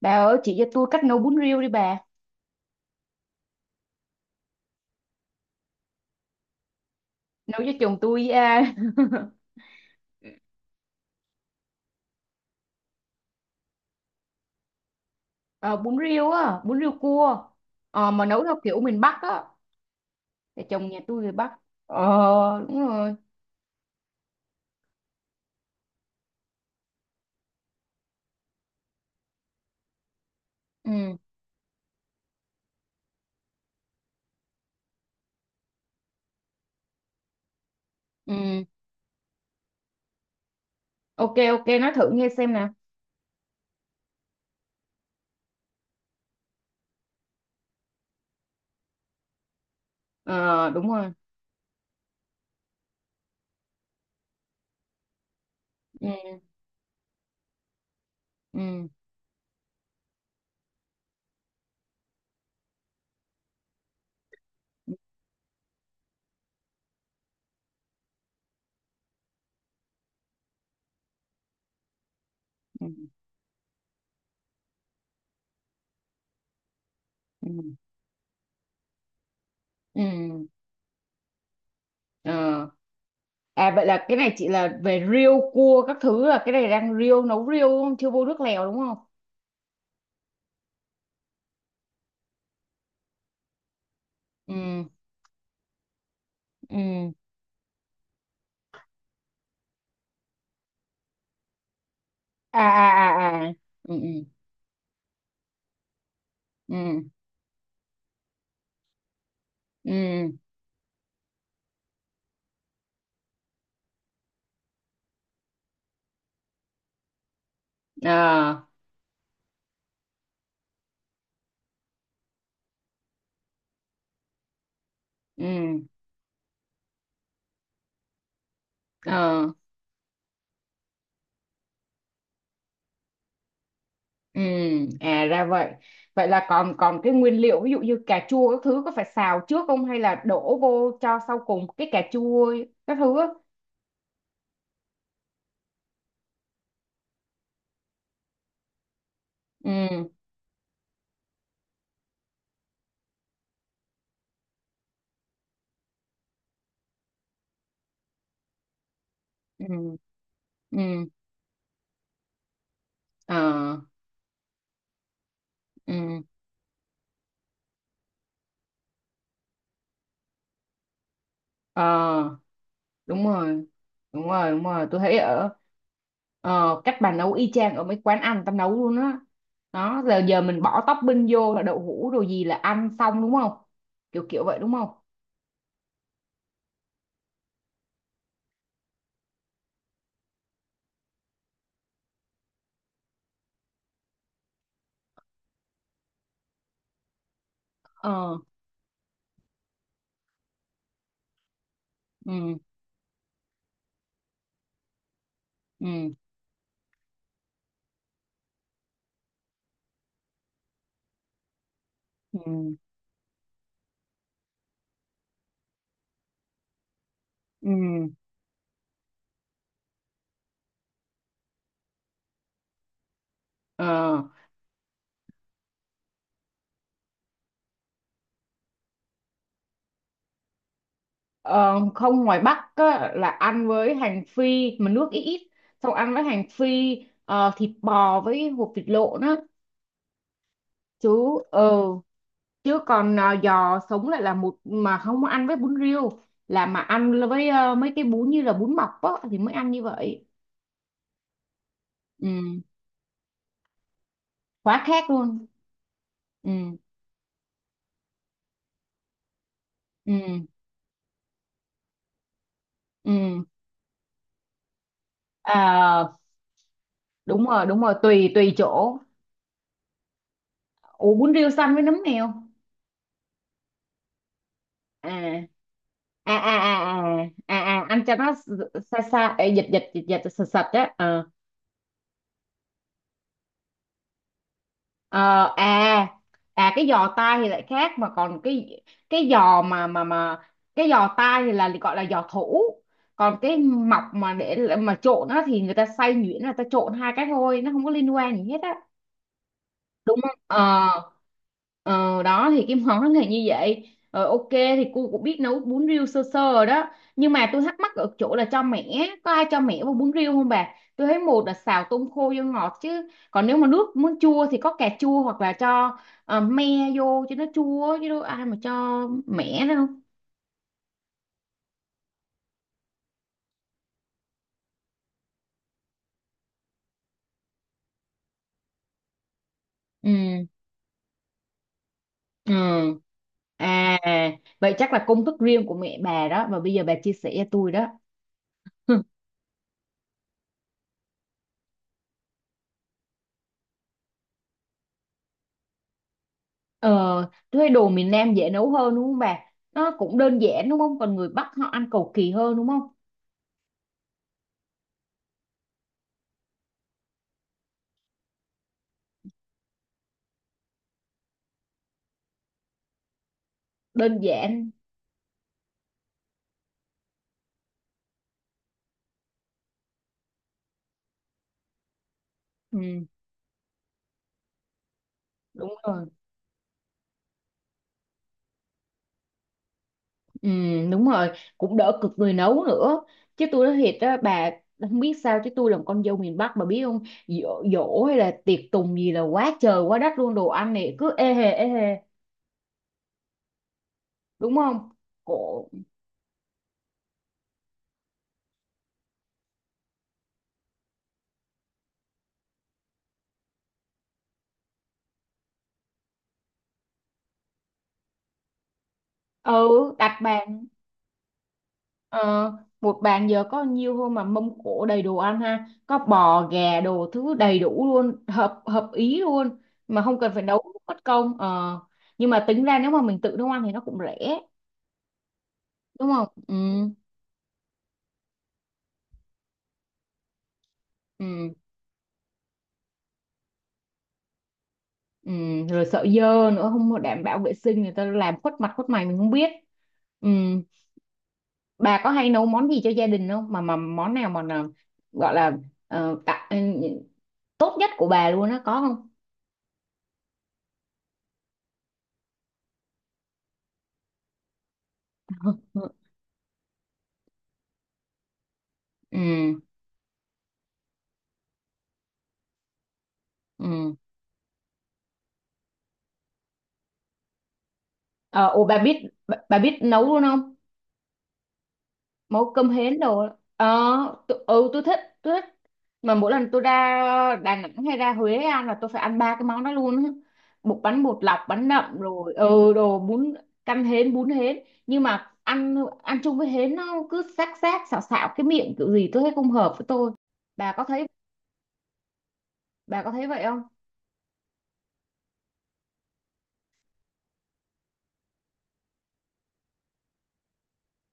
Bà ơi, chị cho tôi cách nấu bún riêu đi bà. Nấu cho chồng tôi à. Ờ, bún riêu á, bún riêu cua. Mà nấu theo kiểu miền Bắc á. Thì chồng nhà tôi người Bắc. Ờ, đúng rồi. Ừ, ừ. Ok, ok, nói thử nghe xem nè. Ờ, đúng rồi. Ừ, ừ, ừ, ừ, ừ, ừ. Ờ. À, vậy là cái này chị là về riêu cua các thứ là cái này đang riêu, nấu riêu đúng không? Chưa vô nước lèo đúng không? Ừ, ừ. À, à, à, à. Ừ, ừ, ừ. ừ ờ ừ ờ ừ À ra vậy, vậy là còn còn cái nguyên liệu ví dụ như cà chua các thứ có phải xào trước không hay là đổ vô cho sau cùng cái cà chua ấy, các thứ á? ừ ừ ừ ờ ừ ờ Đúng rồi, đúng rồi, đúng rồi, tôi thấy ở cách bà nấu y chang ở mấy quán ăn tao nấu luôn á đó. Giờ giờ mình bỏ topping vô là đậu hũ đồ gì là ăn xong đúng không, kiểu kiểu vậy đúng không? Ờ. Ừ, ừ. Ừ. Ừ. Ờ. Ờ, không, ngoài Bắc á, là ăn với hành phi mà nước ít ít, xong ăn với hành phi. Thịt bò với hột vịt lộn á. chứ ờ Chứ còn giò sống lại là một mà không ăn với bún riêu, là mà ăn với mấy cái bún như là bún mọc á thì mới ăn như vậy. Ừ. Quá khác luôn. Ừ, ừ, ừ. À, đúng rồi, đúng rồi, tùy tùy chỗ. Ủ bún riêu xanh với nấm mèo. À, à, à, à, à, à, à, ăn cho nó xa xa. Ê, dịch dịch dịch dịch sạch sạch á. Ờ. Ờ. À, à, cái giò tai thì lại khác mà còn cái giò mà cái giò tai thì là gọi là giò thủ, còn cái mọc mà để mà trộn á thì người ta xay nhuyễn là ta trộn hai cái thôi nó không có liên quan gì hết á, đúng không? Ờ Đó thì cái món này như vậy. Ờ, ok, thì cô cũng biết nấu bún riêu sơ sơ rồi đó, nhưng mà tôi thắc mắc ở chỗ là cho mẻ có ai cho mẻ vào bún riêu không bà? Tôi thấy một là xào tôm khô vô ngọt, chứ còn nếu mà nước muốn chua thì có cà chua hoặc là cho me vô cho nó chua, chứ đâu ai mà cho mẻ đâu. Ừ, ừ. À, vậy chắc là công thức riêng của mẹ bà đó và bây giờ bà chia sẻ cho tôi đó. Ờ, thuê đồ miền Nam dễ nấu hơn đúng không bà? Nó cũng đơn giản đúng không? Còn người Bắc họ ăn cầu kỳ hơn đúng không? Đơn giản. Ừ, đúng rồi. Ừ, đúng rồi. Cũng đỡ cực người nấu nữa. Chứ tôi nói thiệt á, bà không biết sao chứ tôi là một con dâu miền Bắc bà biết không? Giỗ, giỗ hay là tiệc tùng gì là quá trời quá đất luôn, đồ ăn này cứ ê hề ê hề, đúng không? Cổ, ừ, đặt bàn. Ờ, một bàn giờ có nhiều hơn mà mâm cỗ đầy đồ ăn ha, có bò gà đồ thứ đầy đủ luôn, hợp hợp ý luôn mà không cần phải nấu mất công. Ờ. Nhưng mà tính ra nếu mà mình tự nấu ăn thì nó cũng rẻ đúng không? Ừ, ừ, ừ. Rồi sợ dơ nữa, không có đảm bảo vệ sinh, người ta làm khuất mặt khuất mày mình không biết. Ừ. Bà có hay nấu món gì cho gia đình không, mà mà món nào mà gọi là ờ, tạ- tốt nhất của bà luôn á, có không? Ừ, ừ, ừ. Ờ, ồ bà biết, bà biết nấu luôn không? Nấu cơm hến đồ á. Ờ, tôi thích, tôi thích. Mà mỗi lần tôi ra Đà Nẵng hay ra Huế ăn là tôi phải ăn ba cái món đó luôn á. Bánh bột lọc, bánh nậm rồi ừ đồ bún canh hến, bún hến. Nhưng mà ăn ăn chung với hến nó cứ xác xác xạo xạo cái miệng kiểu gì tôi thấy không hợp với tôi. Bà có thấy bà có thấy vậy không?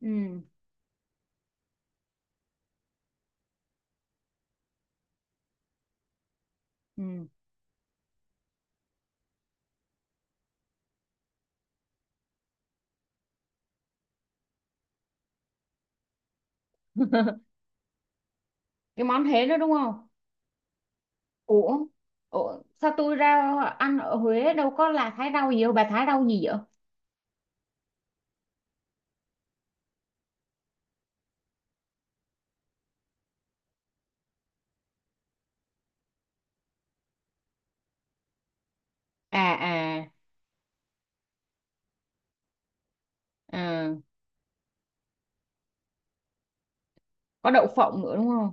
Ừ, ừ. Cái món hến đó đúng không? Ủa, Ủa sao tôi ra ăn ở Huế đâu có là thái rau gì đâu, bà thái rau gì vậy? À, à, à. Có đậu phộng nữa đúng không?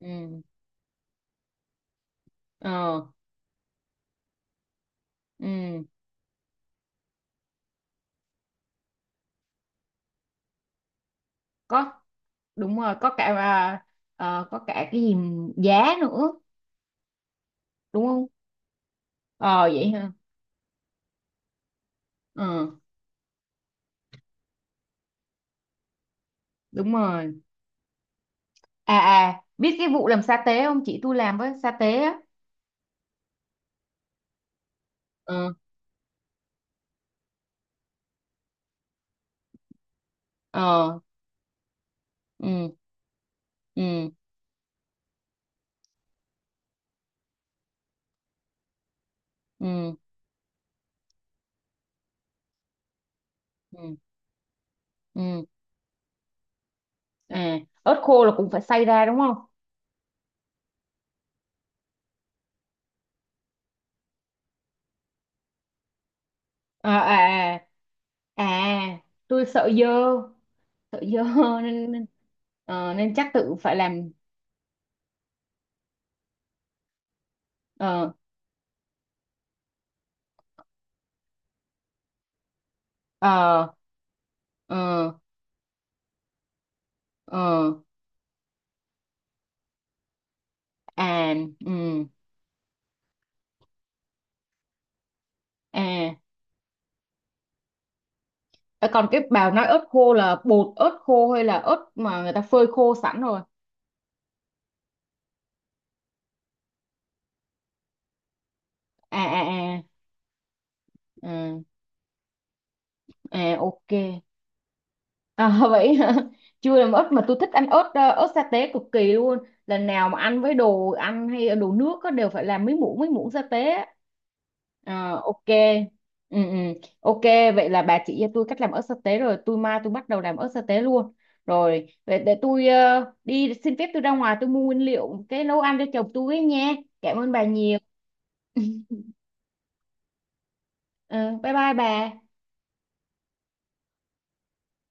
Ừ. Ờ. Ừ. Có, đúng rồi, có cả à. Ờ, có cả cái gì giá nữa, đúng không? Ờ vậy hả. Ờ, đúng rồi. À, à, biết cái vụ làm sa tế không chị, tôi làm với sa tế á. Ờ. Ờ. Ừ, ừ, ừ, ừ, ừ, ừ. À, ớt khô là cũng phải xay ra đúng không? À, à, à. À, tôi sợ dơ, sợ dơ nên nên, ờ, nên chắc tự phải làm. Ờ, ờ, ờ, ờ. À. Ừ. À. Ờ, còn cái bà nói ớt khô là bột ớt khô hay là ớt mà người ta phơi khô sẵn rồi? À, à, à. Ừ, à ok. À, vậy hả? Chưa làm ớt mà tôi thích ăn ớt, ớt sa tế cực kỳ luôn. Lần nào mà ăn với đồ ăn hay đồ nước á, đều phải làm mấy muỗng sa tế á. Ờ, ok. Ừ, ừ. Ok, vậy là bà chỉ cho tôi cách làm ớt sa tế rồi, tôi mai tôi bắt đầu làm ớt sa tế luôn rồi. Vậy để tôi đi xin phép, tôi ra ngoài tôi mua nguyên liệu cái nấu ăn cho chồng tôi ấy nha. Cảm ơn bà nhiều. Ừ, bye bye bà.